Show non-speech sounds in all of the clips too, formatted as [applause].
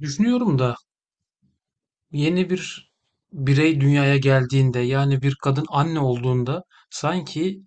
Düşünüyorum da yeni bir birey dünyaya geldiğinde yani bir kadın anne olduğunda sanki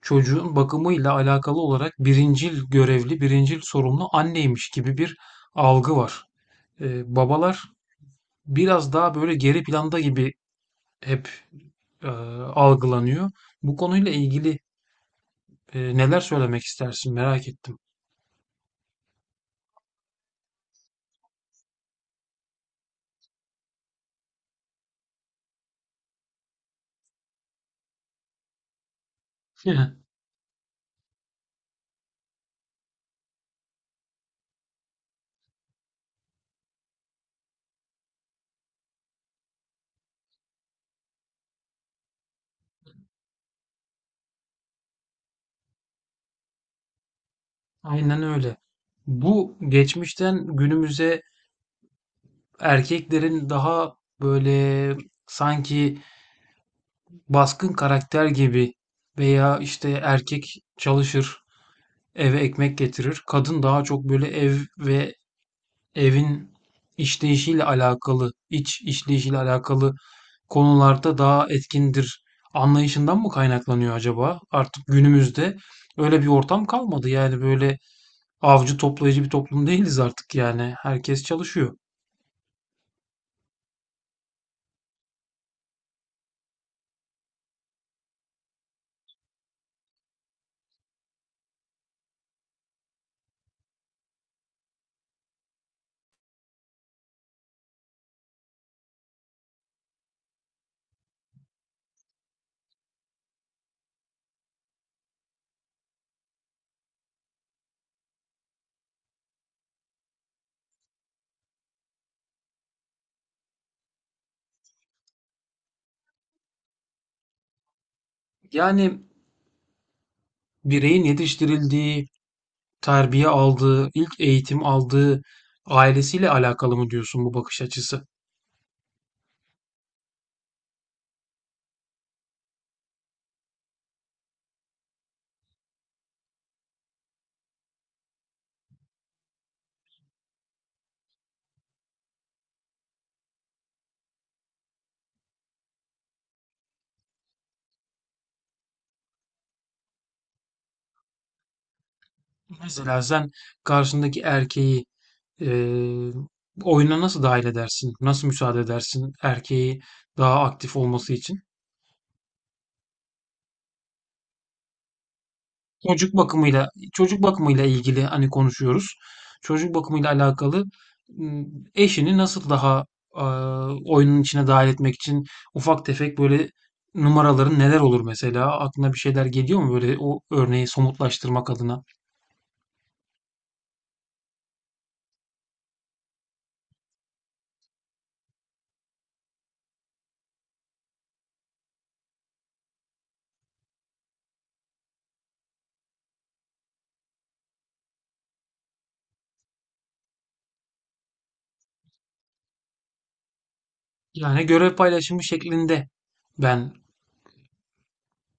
çocuğun bakımıyla alakalı olarak birincil görevli, birincil sorumlu anneymiş gibi bir algı var. Babalar biraz daha böyle geri planda gibi hep e, algılanıyor. Bu konuyla ilgili neler söylemek istersin merak ettim. [laughs] Aynen öyle. Bu geçmişten günümüze erkeklerin daha böyle sanki baskın karakter gibi veya işte erkek çalışır, eve ekmek getirir. Kadın daha çok böyle ev ve evin işleyişiyle alakalı, iç işleyişiyle alakalı konularda daha etkindir. Anlayışından mı kaynaklanıyor acaba? Artık günümüzde öyle bir ortam kalmadı. Yani böyle avcı toplayıcı bir toplum değiliz artık yani. Herkes çalışıyor. Yani bireyin yetiştirildiği, terbiye aldığı, ilk eğitim aldığı ailesiyle alakalı mı diyorsun bu bakış açısı? Mesela sen karşındaki erkeği eee oyuna nasıl dahil edersin? Nasıl müsaade edersin erkeği daha aktif olması için? Çocuk bakımıyla çocuk bakımıyla ilgili hani konuşuyoruz. Çocuk bakımıyla alakalı eşini nasıl daha oyunun içine dahil etmek için ufak tefek böyle numaraların neler olur mesela? Aklına bir şeyler geliyor mu böyle o örneği somutlaştırmak adına? Yani görev paylaşımı şeklinde ben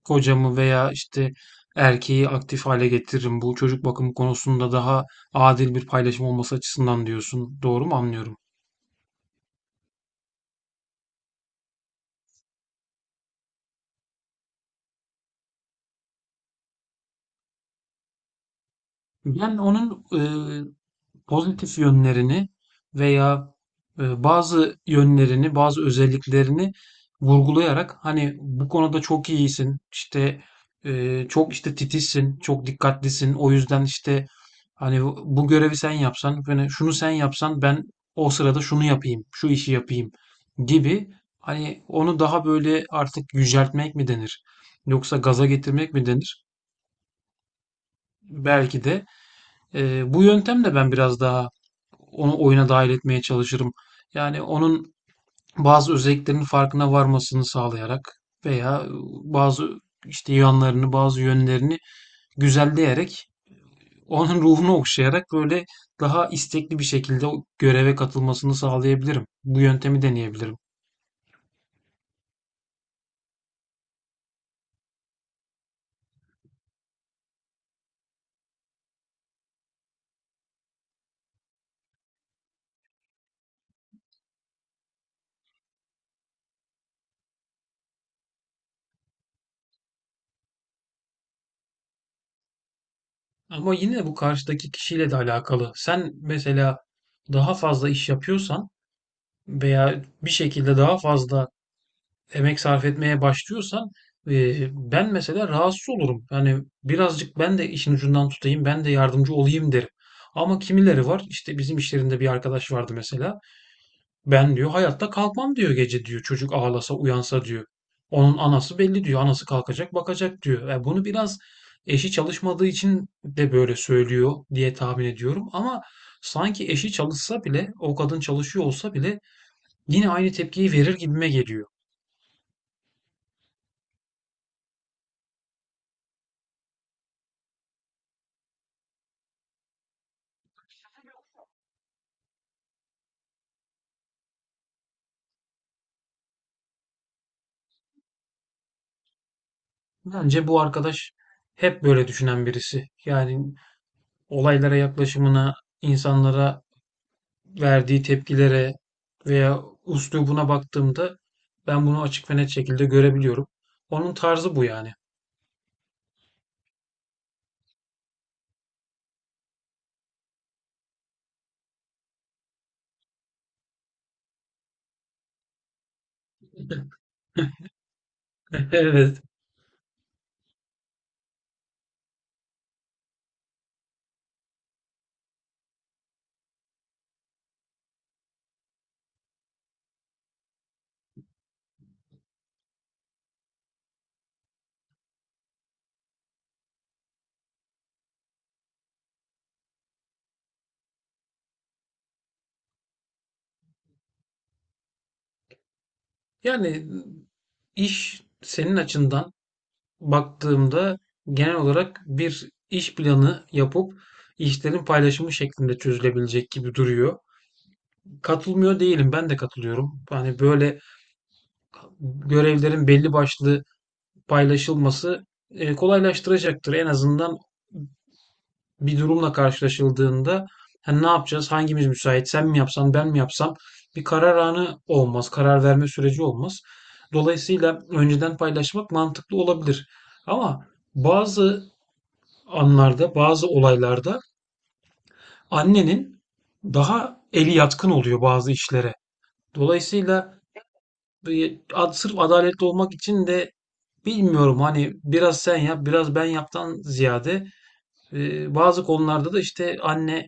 kocamı veya, işte, erkeği aktif hale getiririm. Bu çocuk bakımı konusunda daha adil bir paylaşım olması açısından diyorsun. Doğru mu anlıyorum? Ben onun, pozitif yönlerini veya bazı yönlerini, bazı özelliklerini vurgulayarak hani bu konuda çok iyisin, işte çok işte titizsin, çok dikkatlisin. O yüzden işte hani bu görevi sen yapsan, hani şunu sen yapsan ben o sırada şunu yapayım, şu işi yapayım gibi hani onu daha böyle artık yüceltmek mi denir? Yoksa gaza getirmek mi denir? Belki de bu yöntemle ben biraz daha onu oyuna dahil etmeye çalışırım. Yani onun bazı özelliklerinin farkına varmasını sağlayarak veya bazı işte yanlarını, bazı yönlerini güzelleyerek onun ruhunu okşayarak böyle daha istekli bir şekilde o göreve katılmasını sağlayabilirim. Bu yöntemi deneyebilirim. Ama yine bu karşıdaki kişiyle de alakalı. Sen mesela daha fazla iş yapıyorsan veya bir şekilde daha fazla emek sarf etmeye başlıyorsan e, ben mesela rahatsız olurum. Yani birazcık ben de işin ucundan tutayım, ben de yardımcı olayım derim. Ama kimileri var işte bizim işlerinde bir arkadaş vardı mesela. Ben diyor hayatta kalkmam diyor gece diyor çocuk ağlasa uyansa diyor. Onun anası belli diyor. Anası kalkacak bakacak diyor. Yani bunu biraz eşi çalışmadığı için de böyle söylüyor diye tahmin ediyorum. Ama sanki eşi çalışsa bile o kadın çalışıyor olsa bile yine aynı tepkiyi verir gibime geliyor. Bence bu arkadaş hep böyle düşünen birisi. Yani olaylara yaklaşımına, insanlara verdiği tepkilere veya üslubuna baktığımda ben bunu açık ve net şekilde görebiliyorum. Onun tarzı bu yani. [laughs] Evet. Yani iş senin açından baktığımda genel olarak bir iş planı yapıp işlerin paylaşımı şeklinde çözülebilecek gibi duruyor. Katılmıyor değilim. Ben de katılıyorum. Hani böyle görevlerin belli başlı paylaşılması, kolaylaştıracaktır. En azından bir durumla karşılaşıldığında, hani, ne yapacağız, hangimiz müsait, sen mi yapsan, ben mi yapsam bir karar anı olmaz, karar verme süreci olmaz. Dolayısıyla önceden paylaşmak mantıklı olabilir ama bazı anlarda, bazı olaylarda annenin daha eli yatkın oluyor bazı işlere. Dolayısıyla sırf adaletli olmak için de bilmiyorum hani biraz sen yap biraz ben yaptan ziyade bazı konularda da işte anne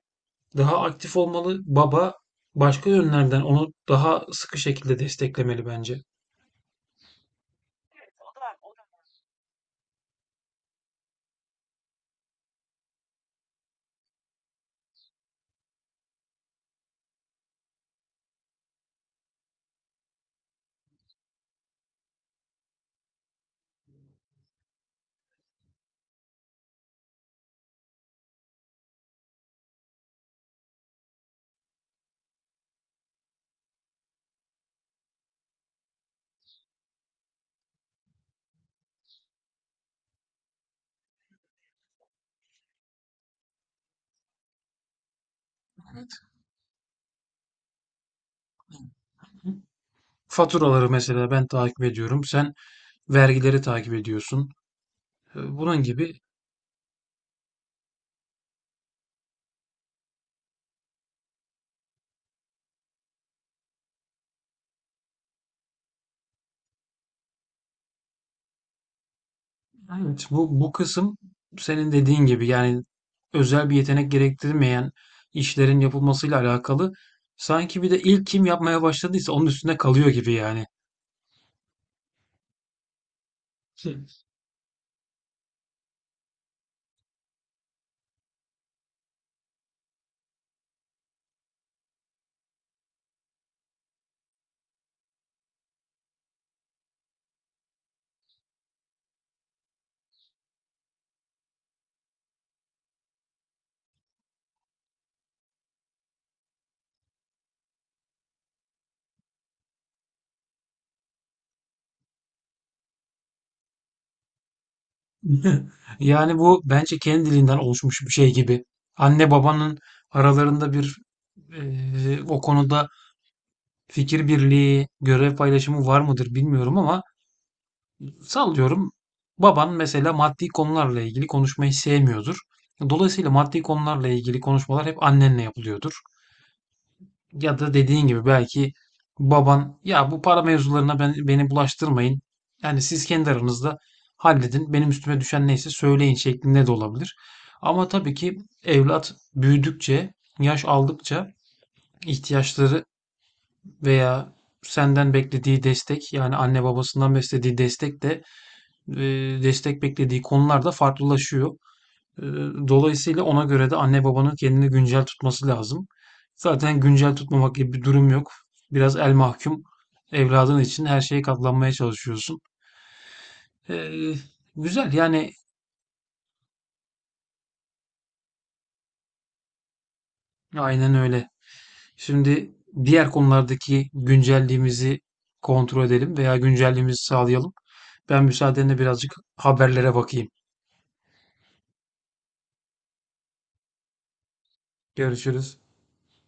daha aktif olmalı baba başka yönlerden onu daha sıkı şekilde desteklemeli bence. Faturaları mesela ben takip ediyorum sen vergileri takip ediyorsun. E, bunun gibi. Evet, bu kısım senin dediğin gibi yani özel bir yetenek gerektirmeyen işlerin yapılmasıyla alakalı. Sanki bir de ilk kim yapmaya başladıysa onun üstüne kalıyor gibi yani. [laughs] Yani bu bence kendiliğinden oluşmuş bir şey gibi. Anne babanın aralarında bir o konuda fikir birliği, görev paylaşımı var mıdır bilmiyorum ama sallıyorum. Baban mesela maddi konularla ilgili konuşmayı sevmiyordur. Dolayısıyla maddi konularla ilgili konuşmalar hep annenle yapılıyordur. Ya da dediğin gibi belki baban ya bu para mevzularına beni bulaştırmayın. Yani siz kendi aranızda halledin. Benim üstüme düşen neyse söyleyin şeklinde de olabilir. Ama tabii ki evlat büyüdükçe, yaş aldıkça ihtiyaçları veya senden beklediği destek yani anne babasından beklediği e, destek beklediği konular da farklılaşıyor. E, Dolayısıyla ona göre de anne babanın kendini güncel tutması lazım. Zaten güncel tutmamak gibi bir durum yok. Biraz el mahkum evladın için her şeye katlanmaya çalışıyorsun. E, Güzel yani, aynen öyle. Şimdi diğer konulardaki güncelliğimizi kontrol edelim veya güncelliğimizi sağlayalım. Ben müsaadenle birazcık haberlere bakayım. Görüşürüz.